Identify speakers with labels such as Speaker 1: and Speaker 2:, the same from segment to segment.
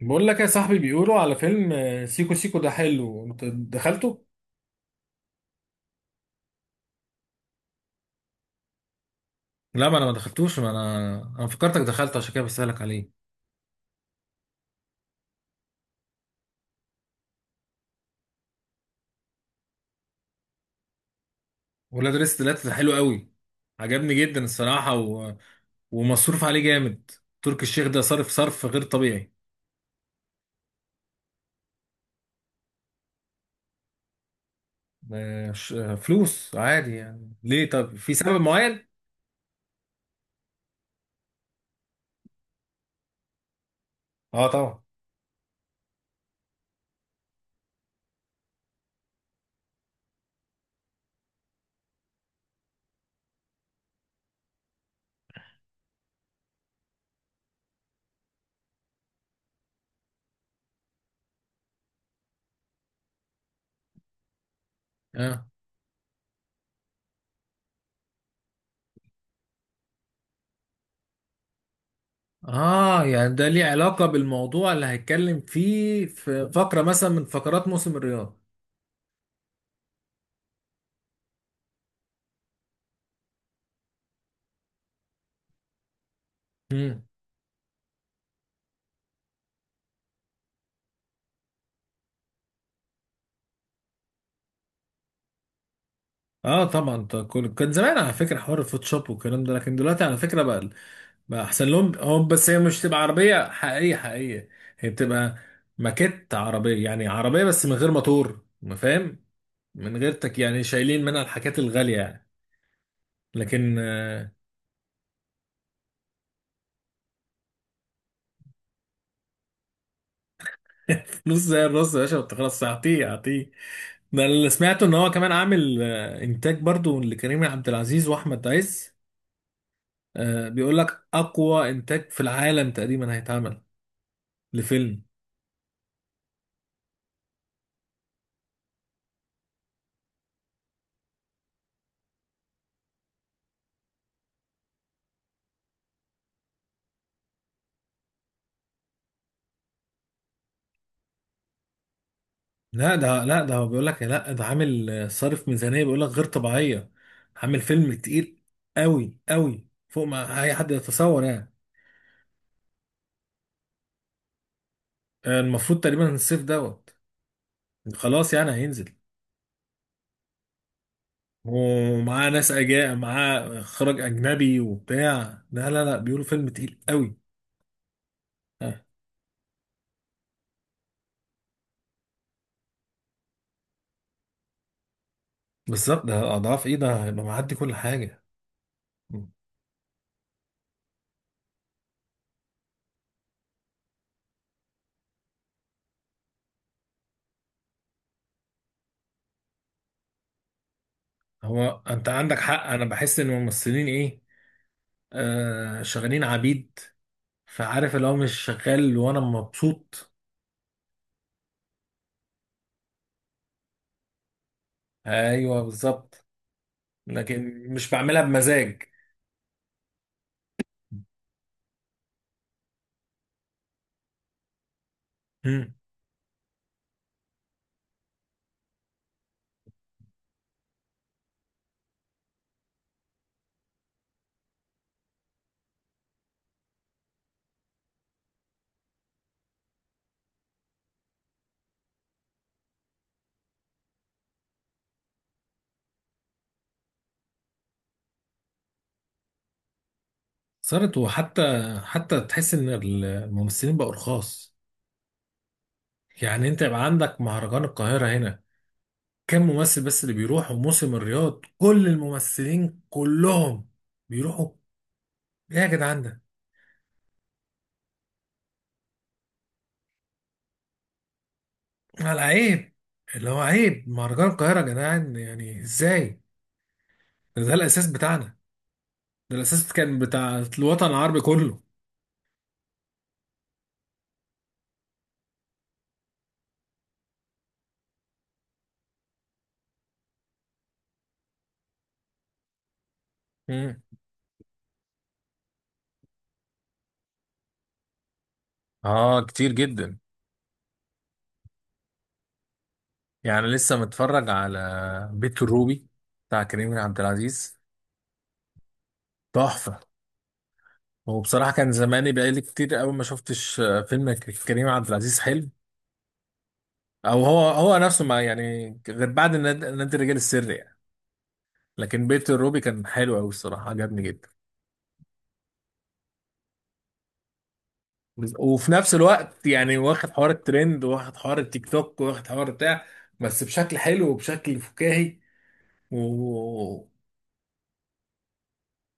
Speaker 1: بقول لك يا صاحبي بيقولوا على فيلم سيكو سيكو ده حلو. انت دخلته؟ لا، ما انا ما دخلتوش ما انا انا فكرتك دخلت عشان كده بسألك عليه. ولاد رزق تلاتة ده حلو قوي. عجبني جدا الصراحة ومصروف عليه جامد. تركي الشيخ ده صرف صرف غير طبيعي. فلوس عادي يعني. ليه؟ طب في سبب معين؟ اه طبعا. اه، اه، يعني ده ليه علاقة بالموضوع اللي هيتكلم فيه في فقرة مثلا من فقرات موسم الرياض. اه طبعا. كان زمان على فكره حوار الفوتوشوب والكلام ده، لكن دلوقتي على فكره بقى احسن لهم هم. بس هي مش تبقى عربيه حقيقيه حقيقيه. هي بتبقى ماكيت عربيه، يعني عربيه بس من غير موتور، ما فاهم؟ من غير تك، يعني شايلين منها الحاجات الغاليه يعني. لكن فلوس زي الرز يا باشا ما بتخلصش، اعطيه اعطيه. ده اللي سمعته ان هو كمان عامل انتاج برضو لكريم عبد العزيز واحمد عز. بيقول لك اقوى انتاج في العالم تقريبا هيتعمل لفيلم. لا ده هو بيقول لك لا، ده عامل صارف ميزانية، بيقول لك غير طبيعية. عامل فيلم تقيل قوي قوي، فوق ما اي حد يتصور يعني. المفروض تقريبا الصيف دوت. خلاص، يعني هينزل. ومعاه ناس اجاء معاه اخراج اجنبي وبتاع. لا لا لا، بيقولوا فيلم تقيل قوي. آه. بالظبط. ده اضعاف ايه؟ ده هيبقى معدي كل حاجة. مم. هو انت عندك حق، انا بحس ان الممثلين ايه، شغالين عبيد. فعارف اللي هو مش شغال وانا مبسوط. ايوه بالظبط. لكن مش بعملها بمزاج. امم. صارت، حتى تحس ان الممثلين بقوا رخاص. يعني انت يبقى عندك مهرجان القاهرة هنا، كم ممثل بس اللي بيروح. وموسم الرياض كل الممثلين كلهم بيروحوا. ايه يا جدعان ده؟ على عيب، اللي هو عيب مهرجان القاهرة يا جدعان، يعني ازاي؟ ده الاساس بتاعنا، ده الاساس كان بتاع الوطن العربي كله. امم. اه، كتير جدا. يعني لسه متفرج على بيت الروبي بتاع كريم عبد العزيز. تحفة. هو بصراحة كان زماني بقالي كتير قوي ما شفتش فيلم كريم عبد العزيز حلو. او هو نفسه ما يعني، غير بعد نادي الرجال السري يعني. لكن بيت الروبي كان حلو قوي الصراحة، عجبني جدا. وفي نفس الوقت يعني، واخد حوار الترند، واخد حوار التيك توك، واخد حوار بتاع. بس بشكل حلو وبشكل فكاهي و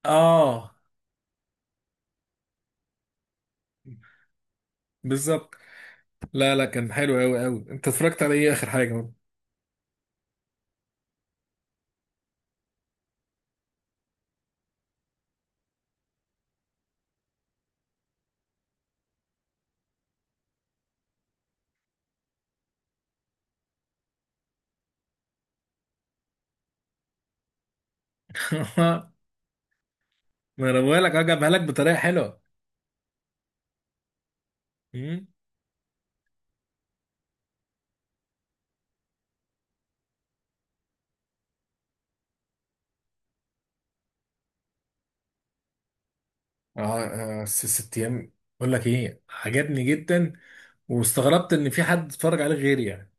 Speaker 1: اه بالظبط. لا لا، كان حلو قوي قوي. انت اتفرجت على ايه اخر حاجه برضه؟ ما انا بقول لك جابها لك بطريقه حلوه. امم. اه. ست ايام. بقول لك ايه، عجبني جدا. واستغربت ان في حد اتفرج عليه غيري يعني.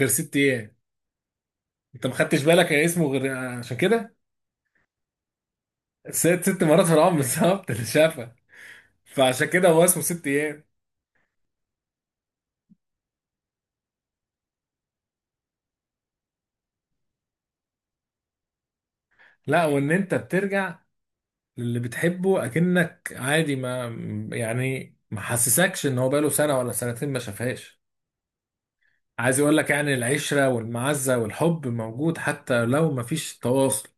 Speaker 1: غير ست ايام. انت ما خدتش بالك يا اسمه غير؟ عشان كده. ست مرات في العمر بالظبط اللي شافها. فعشان كده هو اسمه ست ايام. لا، وان انت بترجع للي بتحبه اكنك عادي. ما يعني، ما حسسكش ان هو بقاله سنه ولا سنتين ما شافهاش. عايز يقول لك يعني، العشرة والمعزة والحب موجود حتى لو مفيش تواصل.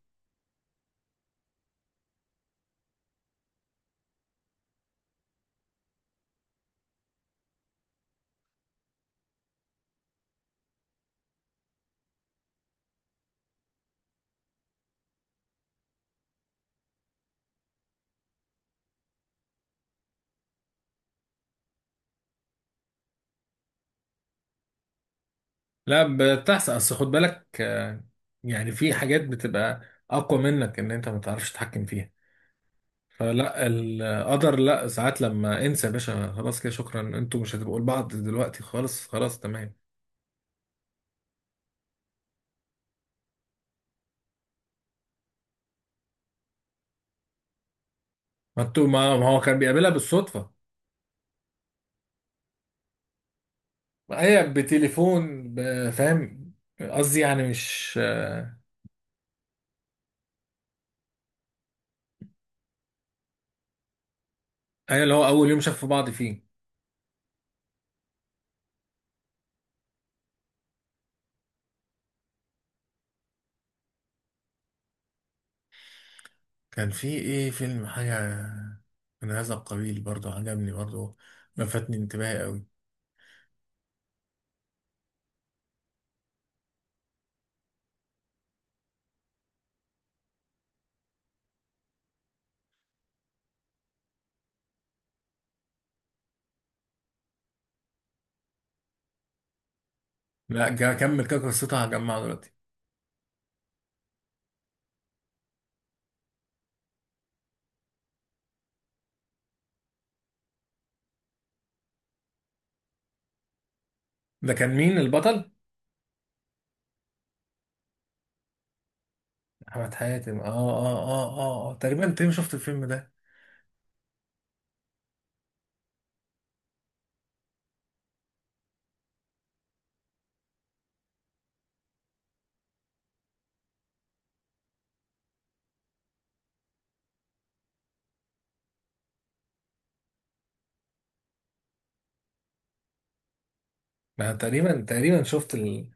Speaker 1: لا بتحصل، اصل خد بالك يعني في حاجات بتبقى اقوى منك، ان انت ما تعرفش تتحكم فيها. فلا القدر، لا ساعات لما انسى يا باشا، خلاص كده، شكرا، انتوا مش هتبقوا لبعض دلوقتي خالص. خلاص تمام. ما انتوا، ما هو كان بيقابلها بالصدفة. هي بتليفون فاهم. قصدي يعني مش هي اللي هو اول يوم شافوا بعض فيه. كان في ايه فيلم حاجة من هذا القبيل برضه، عجبني برضه. لفتني انتباهي قوي. لا، كمل كده قصتها هجمعها دلوقتي. ده كان مين البطل؟ أحمد حاتم. اه، اه، اه، اه، اه، تقريبا تقريبا شفت الفيلم ده. أنا تقريبا تقريبا شفت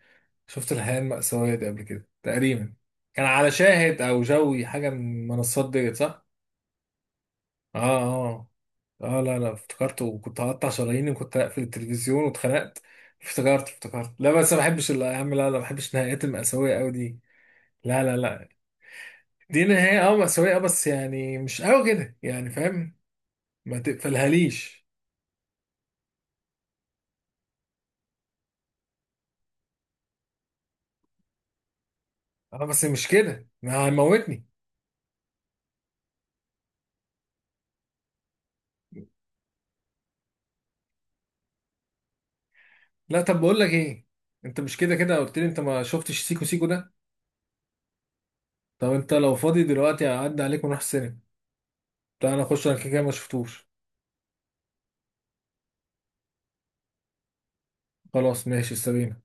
Speaker 1: شفت الحياة المأساوية دي قبل كده تقريبا. كان على شاهد أو جوي حاجة من المنصات ديت، صح؟ اه، اه، اه. لا لا، افتكرت. وكنت هقطع شراييني وكنت هقفل التلفزيون واتخنقت. افتكرت افتكرت. لا بس ما بحبش يا عم، لا لا، ما بحبش النهايات المأساوية قوي دي. لا لا لا، دي نهاية مأساوية، بس يعني مش قوي كده يعني، فاهم؟ ما تقفلهاليش. اه، بس مش كده، ما هيموتني. لا طب بقول لك ايه، انت مش كده كده قلت لي انت ما شفتش سيكو سيكو ده؟ طب انت لو فاضي دلوقتي اعدي عليك ونروح السينما. تعالى نخش، انا كده كده ما شفتوش. خلاص ماشي سابينا.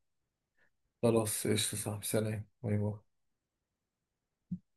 Speaker 1: خلاص قشطة صاحبي، سلام، باي باي.